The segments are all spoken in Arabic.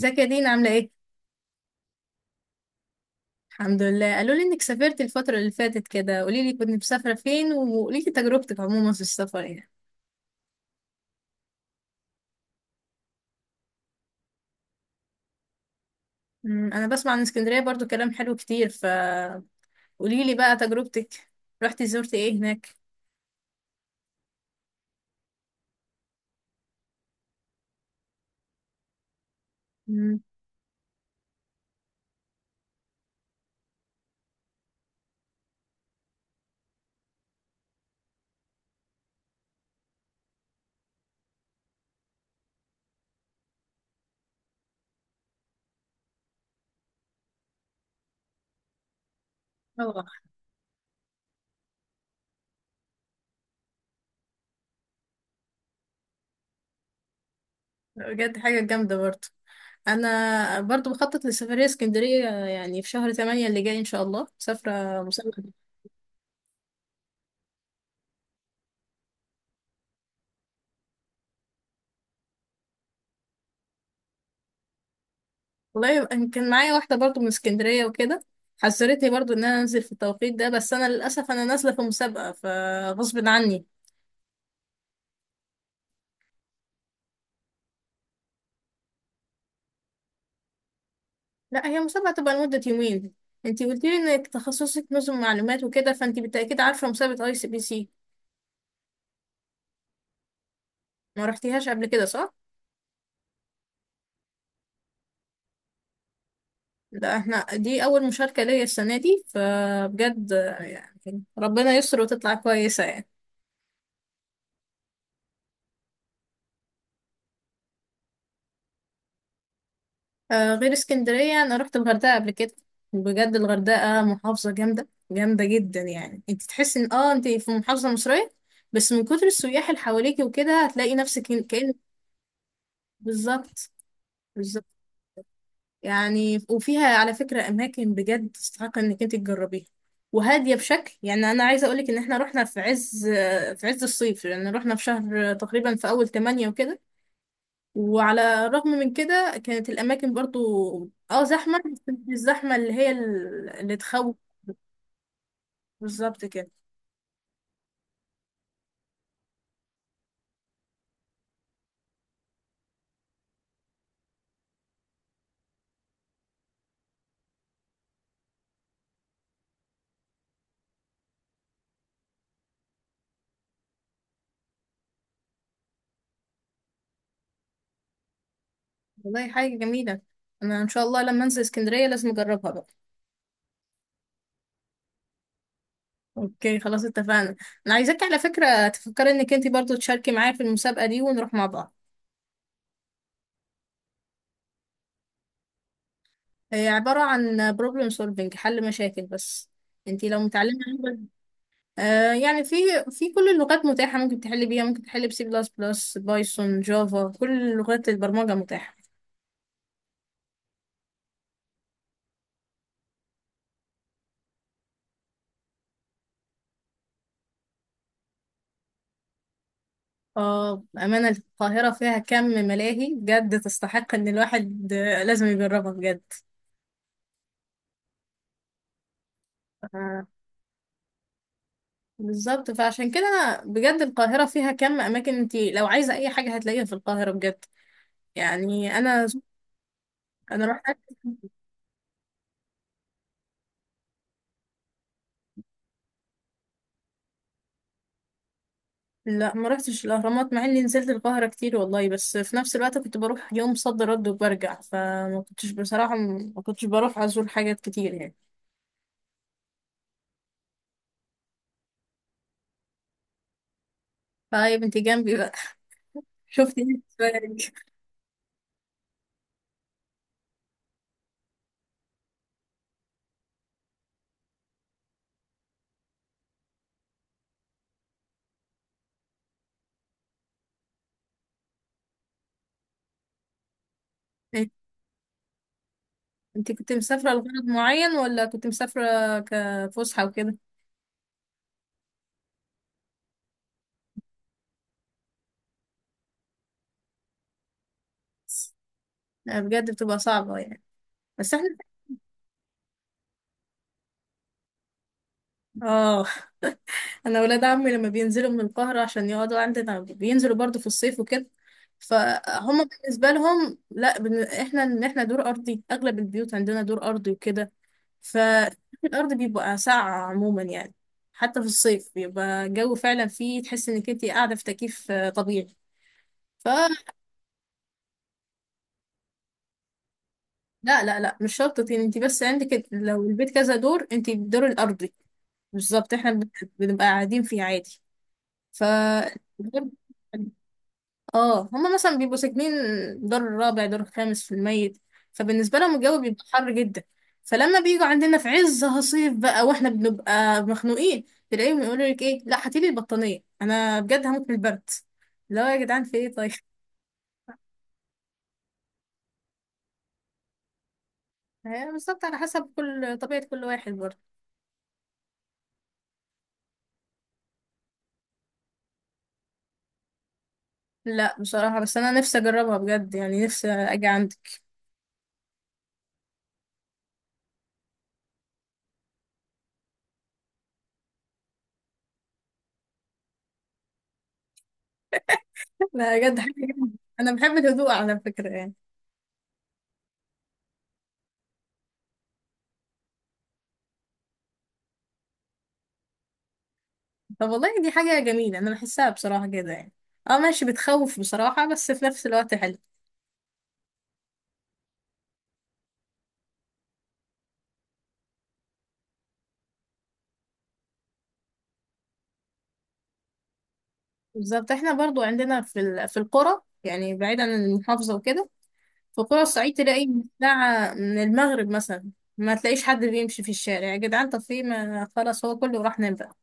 ازيك يا دينا عاملة ايه؟ الحمد لله، قالوا لي انك سافرت الفترة اللي فاتت كده، قولي لي كنت مسافرة فين وقولي لي تجربتك عموما في السفر يعني. انا بسمع عن اسكندرية برضو كلام حلو كتير، فقولي لي بقى تجربتك. رحتي زرتي ايه هناك؟ أمم، اه، بجد حاجة جامدة برضو. انا برضو بخطط لسفرية اسكندرية يعني في شهر 8 اللي جاي ان شاء الله، مسافرة مسابقة. والله، كان معايا واحدة برضو من اسكندرية وكده، حذرتني برضو ان انا انزل في التوقيت ده، بس انا للأسف انا نازلة في مسابقة فغصب عني. لا، هي مسابقة تبقى لمدة يومين. انتي قلتي لي انك تخصصك نظم معلومات وكده، فانتي بالتأكيد عارفة مسابقة ICPC. ما رحتيهاش قبل كده صح؟ لا، احنا دي اول مشاركة ليا السنة دي، فبجد يعني ربنا يستر وتطلع كويسة يعني. آه، غير اسكندرية أنا رحت الغردقة قبل كده. بجد الغردقة محافظة جامدة جامدة جدا، يعني انت تحسي ان انت في محافظة مصرية، بس من كتر السياح اللي حواليكي وكده هتلاقي نفسك كأن- بالظبط. بالظبط، يعني وفيها على فكرة أماكن بجد تستحق إنك انت تجربيها، وهادية بشكل. يعني أنا عايزة أقولك إن احنا رحنا في عز الصيف، لأن يعني رحنا في شهر تقريبا في أول تمانية وكده، وعلى الرغم من كده كانت الأماكن برضو اه زحمة، بس مش الزحمة اللي هي اللي تخوف. بالظبط كده. والله حاجة جميلة، أنا إن شاء الله لما أنزل اسكندرية لازم أجربها بقى. أوكي خلاص اتفقنا. أنا عايزاك على فكرة تفكري إنك أنت برضو تشاركي معايا في المسابقة دي ونروح مع بعض. هي عبارة عن problem solving، حل مشاكل بس. أنت لو متعلمة آه يعني في كل اللغات متاحة، ممكن تحلي بيها، ممكن تحلي بسي بلس بلس، بايثون، جافا، كل لغات البرمجة متاحة. اه بأمانة القاهرة فيها كم ملاهي بجد تستحق ان الواحد لازم يجربها بجد. آه، بالظبط، فعشان كده أنا بجد القاهرة فيها كم اماكن، انت لو عايزة اي حاجة هتلاقيها في القاهرة بجد. يعني انا رحت. لا ما رحتش الاهرامات مع اني نزلت القاهرة كتير والله، بس في نفس الوقت كنت بروح يوم صد رد وبرجع، فما كنتش بصراحة، ما كنتش بروح ازور حاجات كتير يعني. طيب انت جنبي بقى. شفتي. إيه؟ انت كنت مسافرة لغرض معين ولا كنت مسافرة كفسحة وكده؟ لا، بجد بتبقى صعبة يعني. بس احنا اه انا ولاد عمي لما بينزلوا من القاهرة عشان يقعدوا عندنا بينزلوا برضو في الصيف وكده، فهم بالنسبة لهم. لا احنا احنا دور ارضي، اغلب البيوت عندنا دور ارضي وكده، فالارض بيبقى ساقعة عموما يعني، حتى في الصيف بيبقى الجو فعلا فيه، تحس انك انت قاعدة في تكييف طبيعي. ف لا لا لا، مش شرط طين، انت بس عندك لو البيت كذا دور انت الدور الارضي. بالظبط، احنا بنبقى قاعدين فيه عادي. ف الدور- اه، هما مثلا بيبقوا ساكنين دور الرابع دور الخامس في الميت، فبالنسبه لهم الجو بيبقى حر جدا، فلما بيجوا عندنا في عز هصيف بقى واحنا بنبقى مخنوقين، تلاقيهم يقولوا لك ايه، لا هاتيلي البطانيه انا بجد هموت من البرد. لا يا جدعان في ايه طيب. هي بالظبط على حسب كل طبيعه كل واحد برضه. لا بصراحة، بس أنا نفسي أجربها بجد يعني، نفسي أجي عندك. لا بجد حاجة جميلة، أنا بحب الهدوء على فكرة يعني. طب والله دي حاجة جميلة، أنا بحسها بصراحة كده يعني. اه ماشي، بتخوف بصراحة، بس في نفس الوقت حلو. بالظبط، احنا برضو عندنا في في القرى يعني بعيدا عن المحافظة وكده، في قرى الصعيد تلاقي من الساعة من المغرب مثلا ما تلاقيش حد بيمشي في الشارع. يا جدعان، طب في ما خلاص، هو كله راح نام بقى.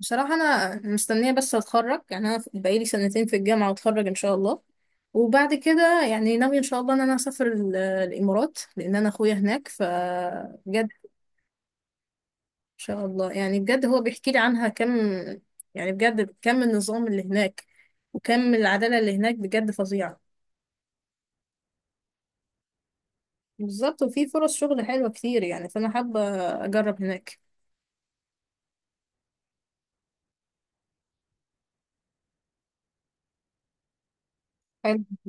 بصراحة أنا مستنية بس أتخرج، يعني أنا بقالي سنتين في الجامعة وأتخرج إن شاء الله، وبعد كده يعني ناوية إن شاء الله إن أنا أسافر الإمارات، لأن أنا أخويا هناك، فبجد إن شاء الله يعني. بجد هو بيحكي لي عنها كم، يعني بجد كم النظام اللي هناك وكم العدالة اللي هناك بجد فظيعة. بالظبط، وفي فرص شغل حلوة كتير يعني، فأنا حابة أجرب هناك. حلو.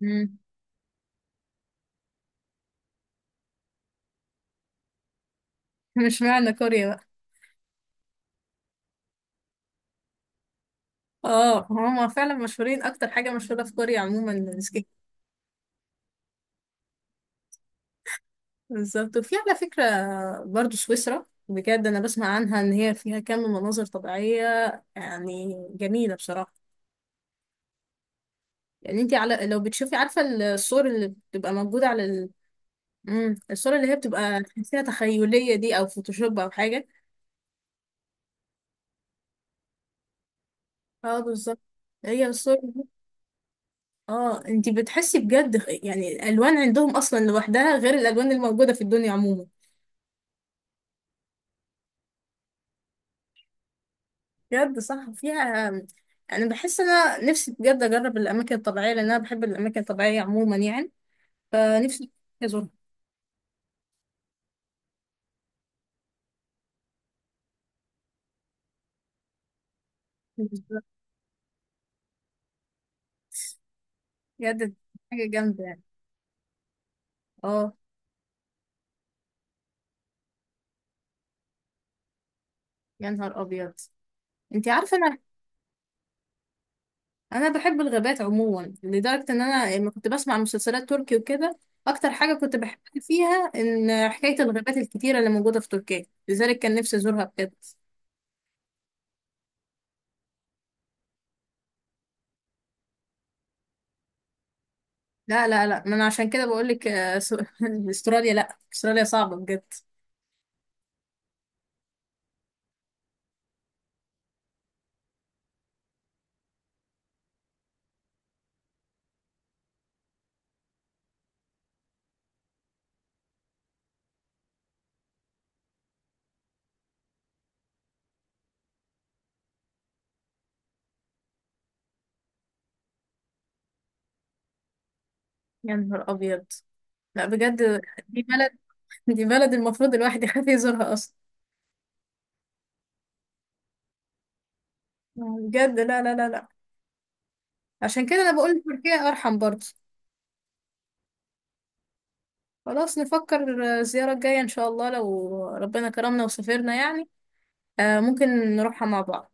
مم. مش معنى كوريا بقى. اه هما فعلا مشهورين، أكتر حاجة مشهورة في كوريا عموما. بالظبط. وفي على فكرة برضو سويسرا، بجد أنا بسمع عنها إن هي فيها كم مناظر طبيعية يعني جميلة بصراحة. يعني أنت على لو بتشوفي، عارفة الصور اللي بتبقى موجودة على ال... مم. الصور اللي هي بتبقى تحسيها تخيلية دي، أو فوتوشوب أو حاجة. اه بالظبط، هي الصور دي. اه أنت بتحسي بجد يعني الألوان عندهم أصلا لوحدها غير الألوان الموجودة في الدنيا عموما. بجد صح، فيها يعني، بحس انا نفسي بجد اجرب الاماكن الطبيعيه لان انا بحب الاماكن الطبيعيه عموما يعني، فنفسي ازورها. بجد حاجه جامده يعني. اه. يا نهار ابيض، انت عارفه انا، انا بحب الغابات عموما لدرجه ان انا لما كنت بسمع مسلسلات تركي وكده اكتر حاجه كنت بحبها فيها ان حكايه الغابات الكتيره اللي موجوده في تركيا، لذلك كان نفسي ازورها بجد. لا لا لا، ما انا عشان كده بقول لك استراليا، لا استراليا صعبه بجد. يا نهار ابيض. لا بجد، دي بلد، دي بلد المفروض الواحد يخاف يزورها اصلا. بجد لا لا لا لا، عشان كده انا بقول تركيا ارحم برضه. خلاص نفكر الزيارة الجاية ان شاء الله لو ربنا كرمنا وسافرنا يعني. آه ممكن نروحها مع بعض.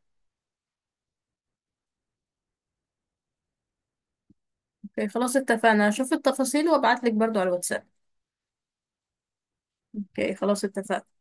اوكي خلاص اتفقنا، اشوف التفاصيل وابعتلك برضو على الواتساب. اوكي. خلاص اتفقنا.